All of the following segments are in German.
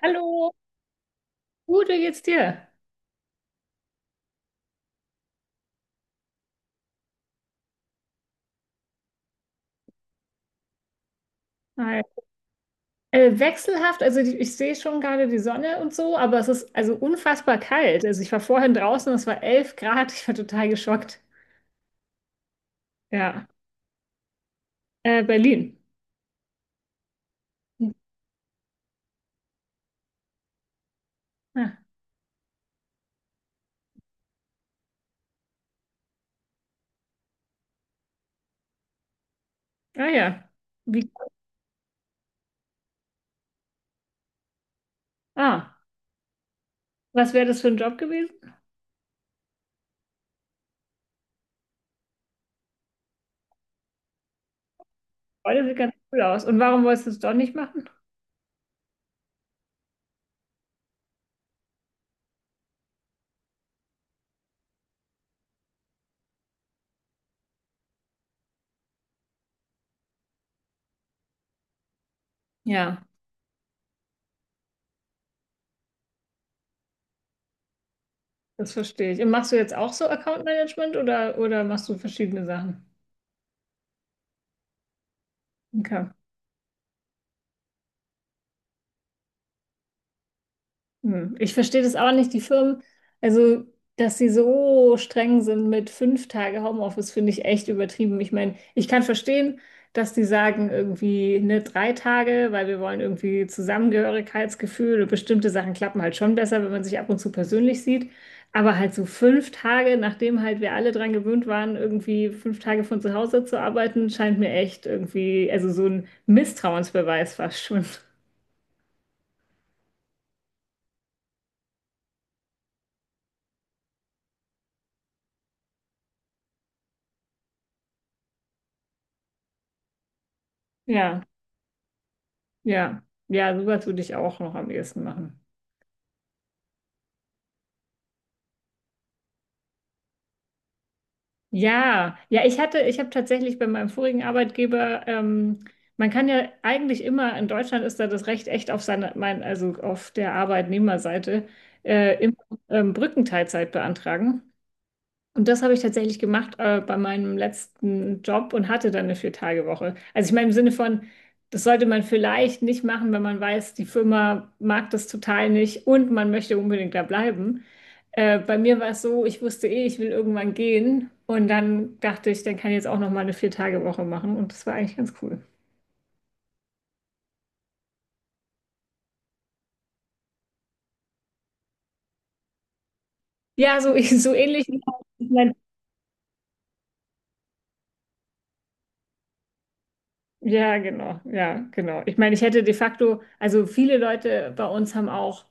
Hallo, gut, wie geht's dir? Hi. Wechselhaft, also ich sehe schon gerade die Sonne und so, aber es ist also unfassbar kalt. Also ich war vorhin draußen, es war 11 Grad, ich war total geschockt. Ja, Berlin. Ah, ah ja, wie, ah, was wäre das für ein Job gewesen? Oh, das sieht ganz cool aus. Und warum wolltest du es doch nicht machen? Ja, das verstehe ich. Und machst du jetzt auch so Account Management oder machst du verschiedene Sachen? Okay. Hm, ich verstehe das auch nicht, die Firmen, also dass sie so streng sind mit 5 Tage Homeoffice, finde ich echt übertrieben. Ich meine, ich kann verstehen, dass die sagen irgendwie ne, 3 Tage, weil wir wollen irgendwie Zusammengehörigkeitsgefühl und bestimmte Sachen klappen halt schon besser, wenn man sich ab und zu persönlich sieht. Aber halt so 5 Tage, nachdem halt wir alle dran gewöhnt waren, irgendwie 5 Tage von zu Hause zu arbeiten, scheint mir echt irgendwie, also so ein Misstrauensbeweis fast schon. Ja. Ja, ja, sowas würde ich auch noch am ehesten machen. Ja, ja, ich habe tatsächlich bei meinem vorigen Arbeitgeber, man kann ja eigentlich immer — in Deutschland ist da das Recht echt auf also auf der Arbeitnehmerseite — immer Brückenteilzeit beantragen. Und das habe ich tatsächlich gemacht, bei meinem letzten Job, und hatte dann eine Vier-Tage-Woche. Also ich meine im Sinne von, das sollte man vielleicht nicht machen, wenn man weiß, die Firma mag das total nicht und man möchte unbedingt da bleiben. Bei mir war es so, ich wusste eh, ich will irgendwann gehen, und dann dachte ich, dann kann ich jetzt auch noch mal eine Vier-Tage-Woche machen, und das war eigentlich ganz cool. Ja, so, so ähnlich. Ich mein, ja, genau, ja, genau. Ich meine, ich hätte de facto, also viele Leute bei uns haben auch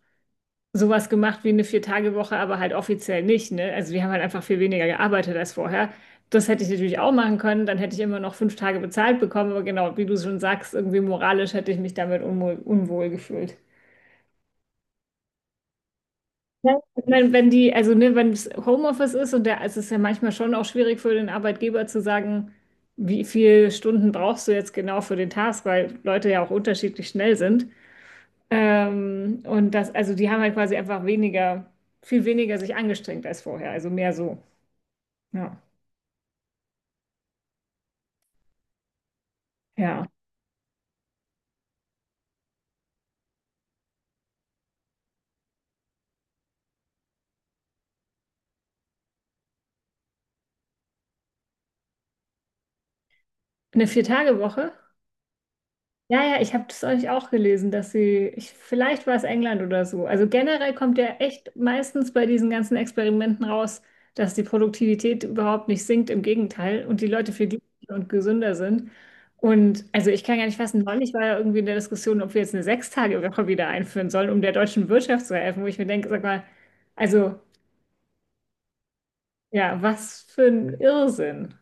sowas gemacht wie eine Vier-Tage-Woche, aber halt offiziell nicht, ne? Also wir haben halt einfach viel weniger gearbeitet als vorher. Das hätte ich natürlich auch machen können, dann hätte ich immer noch 5 Tage bezahlt bekommen, aber genau, wie du schon sagst, irgendwie moralisch hätte ich mich damit unwohl gefühlt. Ja. Ich meine, wenn die, also ne, wenn es Homeoffice ist und der, es ist ja manchmal schon auch schwierig für den Arbeitgeber zu sagen, wie viele Stunden brauchst du jetzt genau für den Task, weil Leute ja auch unterschiedlich schnell sind. Und das, also die haben halt quasi einfach weniger, viel weniger sich angestrengt als vorher, also mehr so. Ja. Ja. Eine Vier-Tage-Woche? Ja, ja, ich habe das euch auch gelesen, dass sie, ich, vielleicht war es England oder so. Also generell kommt ja echt meistens bei diesen ganzen Experimenten raus, dass die Produktivität überhaupt nicht sinkt, im Gegenteil, und die Leute viel glücklicher und gesünder sind. Und also ich kann gar nicht fassen, neulich war ja irgendwie in der Diskussion, ob wir jetzt eine Sechstagewoche wieder einführen sollen, um der deutschen Wirtschaft zu helfen, wo ich mir denke, sag mal, also, ja, was für ein Irrsinn.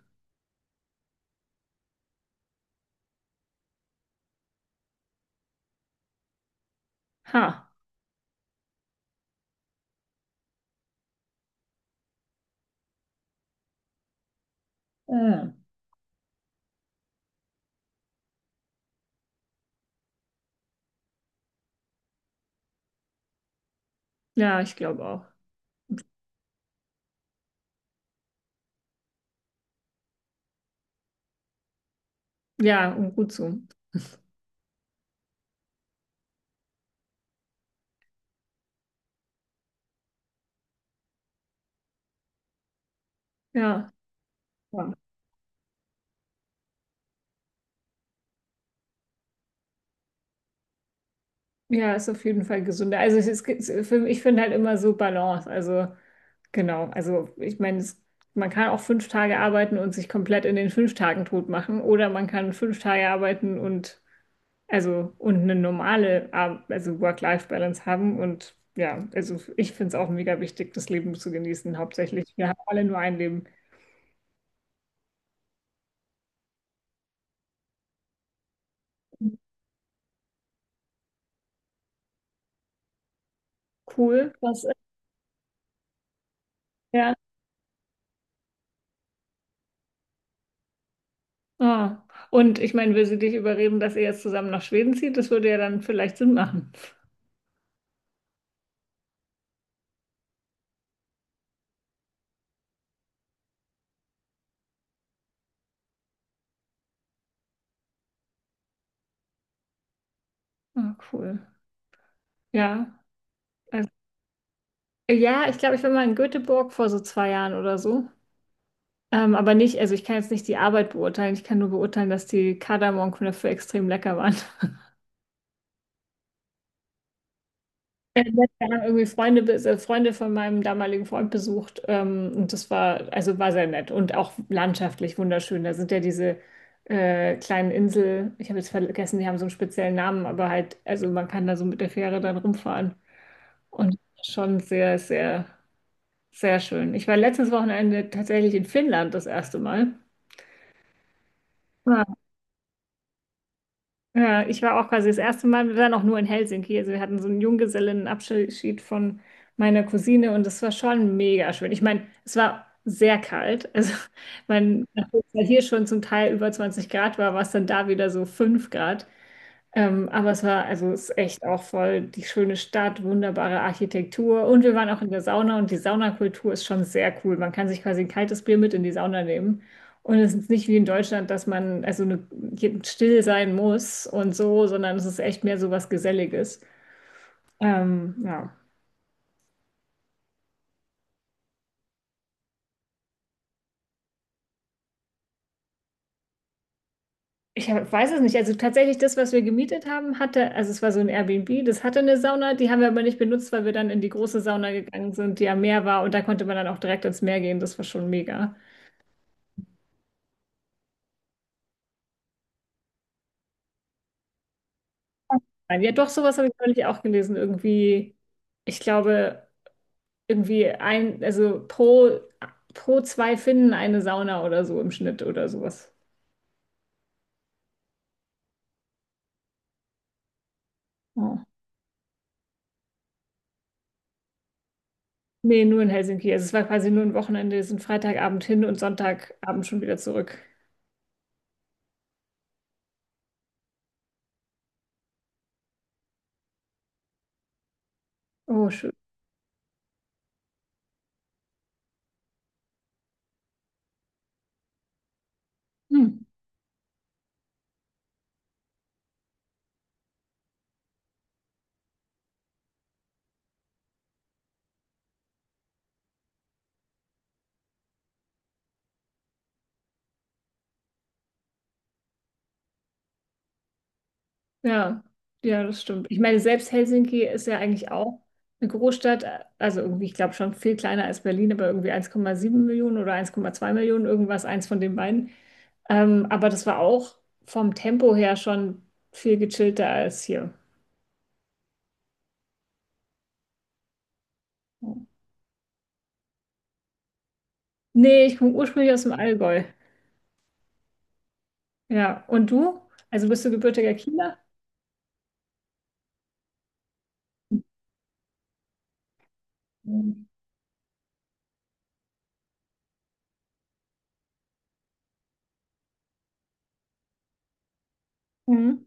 Ha. Ja. Ja, ich glaube auch. Ja, und gut so. Ja. Ja, ja, ist auf jeden Fall gesünder. Also es ist, ich finde halt immer so Balance. Also genau. Also ich meine, man kann auch 5 Tage arbeiten und sich komplett in den fünf Tagen tot machen. Oder man kann 5 Tage arbeiten und also eine normale also Work-Life-Balance haben. Und ja, also ich finde es auch mega wichtig, das Leben zu genießen, hauptsächlich. Wir haben alle nur ein Leben. Cool. Was? Ja. Ah. Und ich meine, will sie dich überreden, dass ihr jetzt zusammen nach Schweden zieht? Das würde ja dann vielleicht Sinn machen. Ah, cool. Ja. Also, ja, ich glaube, ich war mal in Göteborg vor so 2 Jahren oder so. Aber nicht, also ich kann jetzt nicht die Arbeit beurteilen. Ich kann nur beurteilen, dass die Kardamomknödel extrem lecker waren. Ja, wir haben irgendwie Freunde, Freunde von meinem damaligen Freund besucht. Und das war, also war sehr nett und auch landschaftlich wunderschön. Da sind ja diese kleinen Insel, ich habe jetzt vergessen, die haben so einen speziellen Namen, aber halt, also man kann da so mit der Fähre dann rumfahren. Und schon sehr, sehr, sehr schön. Ich war letztes Wochenende tatsächlich in Finnland das erste Mal. Ja, ich war auch quasi das erste Mal, wir waren auch nur in Helsinki. Also wir hatten so einen Junggesellinnenabschied von meiner Cousine, und das war schon mega schön. Ich meine, es war sehr kalt. Also man, nachdem es ja hier schon zum Teil über 20 Grad war, war es dann da wieder so 5 Grad. Aber es war, also es ist echt auch voll die schöne Stadt, wunderbare Architektur. Und wir waren auch in der Sauna, und die Saunakultur ist schon sehr cool. Man kann sich quasi ein kaltes Bier mit in die Sauna nehmen. Und es ist nicht wie in Deutschland, dass man still sein muss und so, sondern es ist echt mehr so was Geselliges. Ja. Weiß es nicht. Also tatsächlich, das, was wir gemietet haben, hatte, also es war so ein Airbnb, das hatte eine Sauna, die haben wir aber nicht benutzt, weil wir dann in die große Sauna gegangen sind, die am Meer war, und da konnte man dann auch direkt ins Meer gehen. Das war schon mega. Nein, ja, doch, sowas habe ich neulich auch gelesen. Irgendwie, ich glaube, irgendwie ein, also pro, pro 2 Finnen eine Sauna oder so im Schnitt oder sowas. Ja. Nee, nur in Helsinki. Also es war quasi nur ein Wochenende. Wir sind Freitagabend hin und Sonntagabend schon wieder zurück. Oh, schön. Hm. Ja, ja, das stimmt. Ich meine, selbst Helsinki ist ja eigentlich auch eine Großstadt, also irgendwie, ich glaube schon viel kleiner als Berlin, aber irgendwie 1,7 Millionen oder 1,2 Millionen, irgendwas, eins von den beiden. Aber das war auch vom Tempo her schon viel gechillter als hier. Nee, ich komme ursprünglich aus dem Allgäu. Ja, und du? Also bist du gebürtiger Kieler? Mhm. Mhm.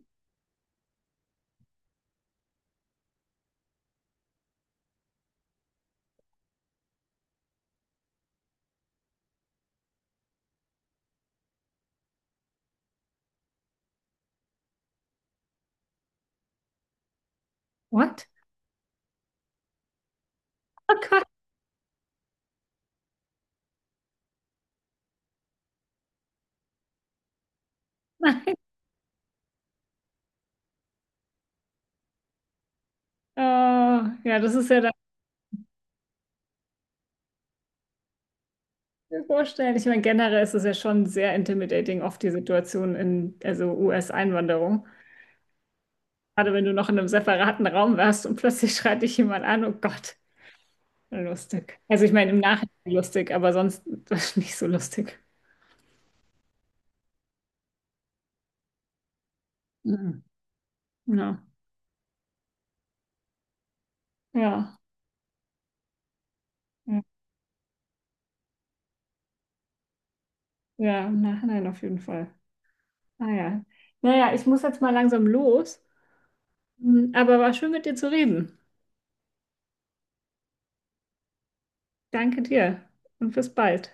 What? Oh Gott, nein. Oh, ja, das ist ja mir vorstellen. Ich meine, generell ist es ja schon sehr intimidating, oft die Situation in, also, US-Einwanderung. Gerade wenn du noch in einem separaten Raum warst und plötzlich schreit dich jemand an, oh Gott, lustig. Also ich meine, im Nachhinein lustig, aber sonst nicht so lustig. Mhm. Ja. Ja. Ja, ja, im Nachhinein auf jeden Fall. Ah ja. Naja, ich muss jetzt mal langsam los, mhm, aber war schön mit dir zu reden. Danke dir und bis bald.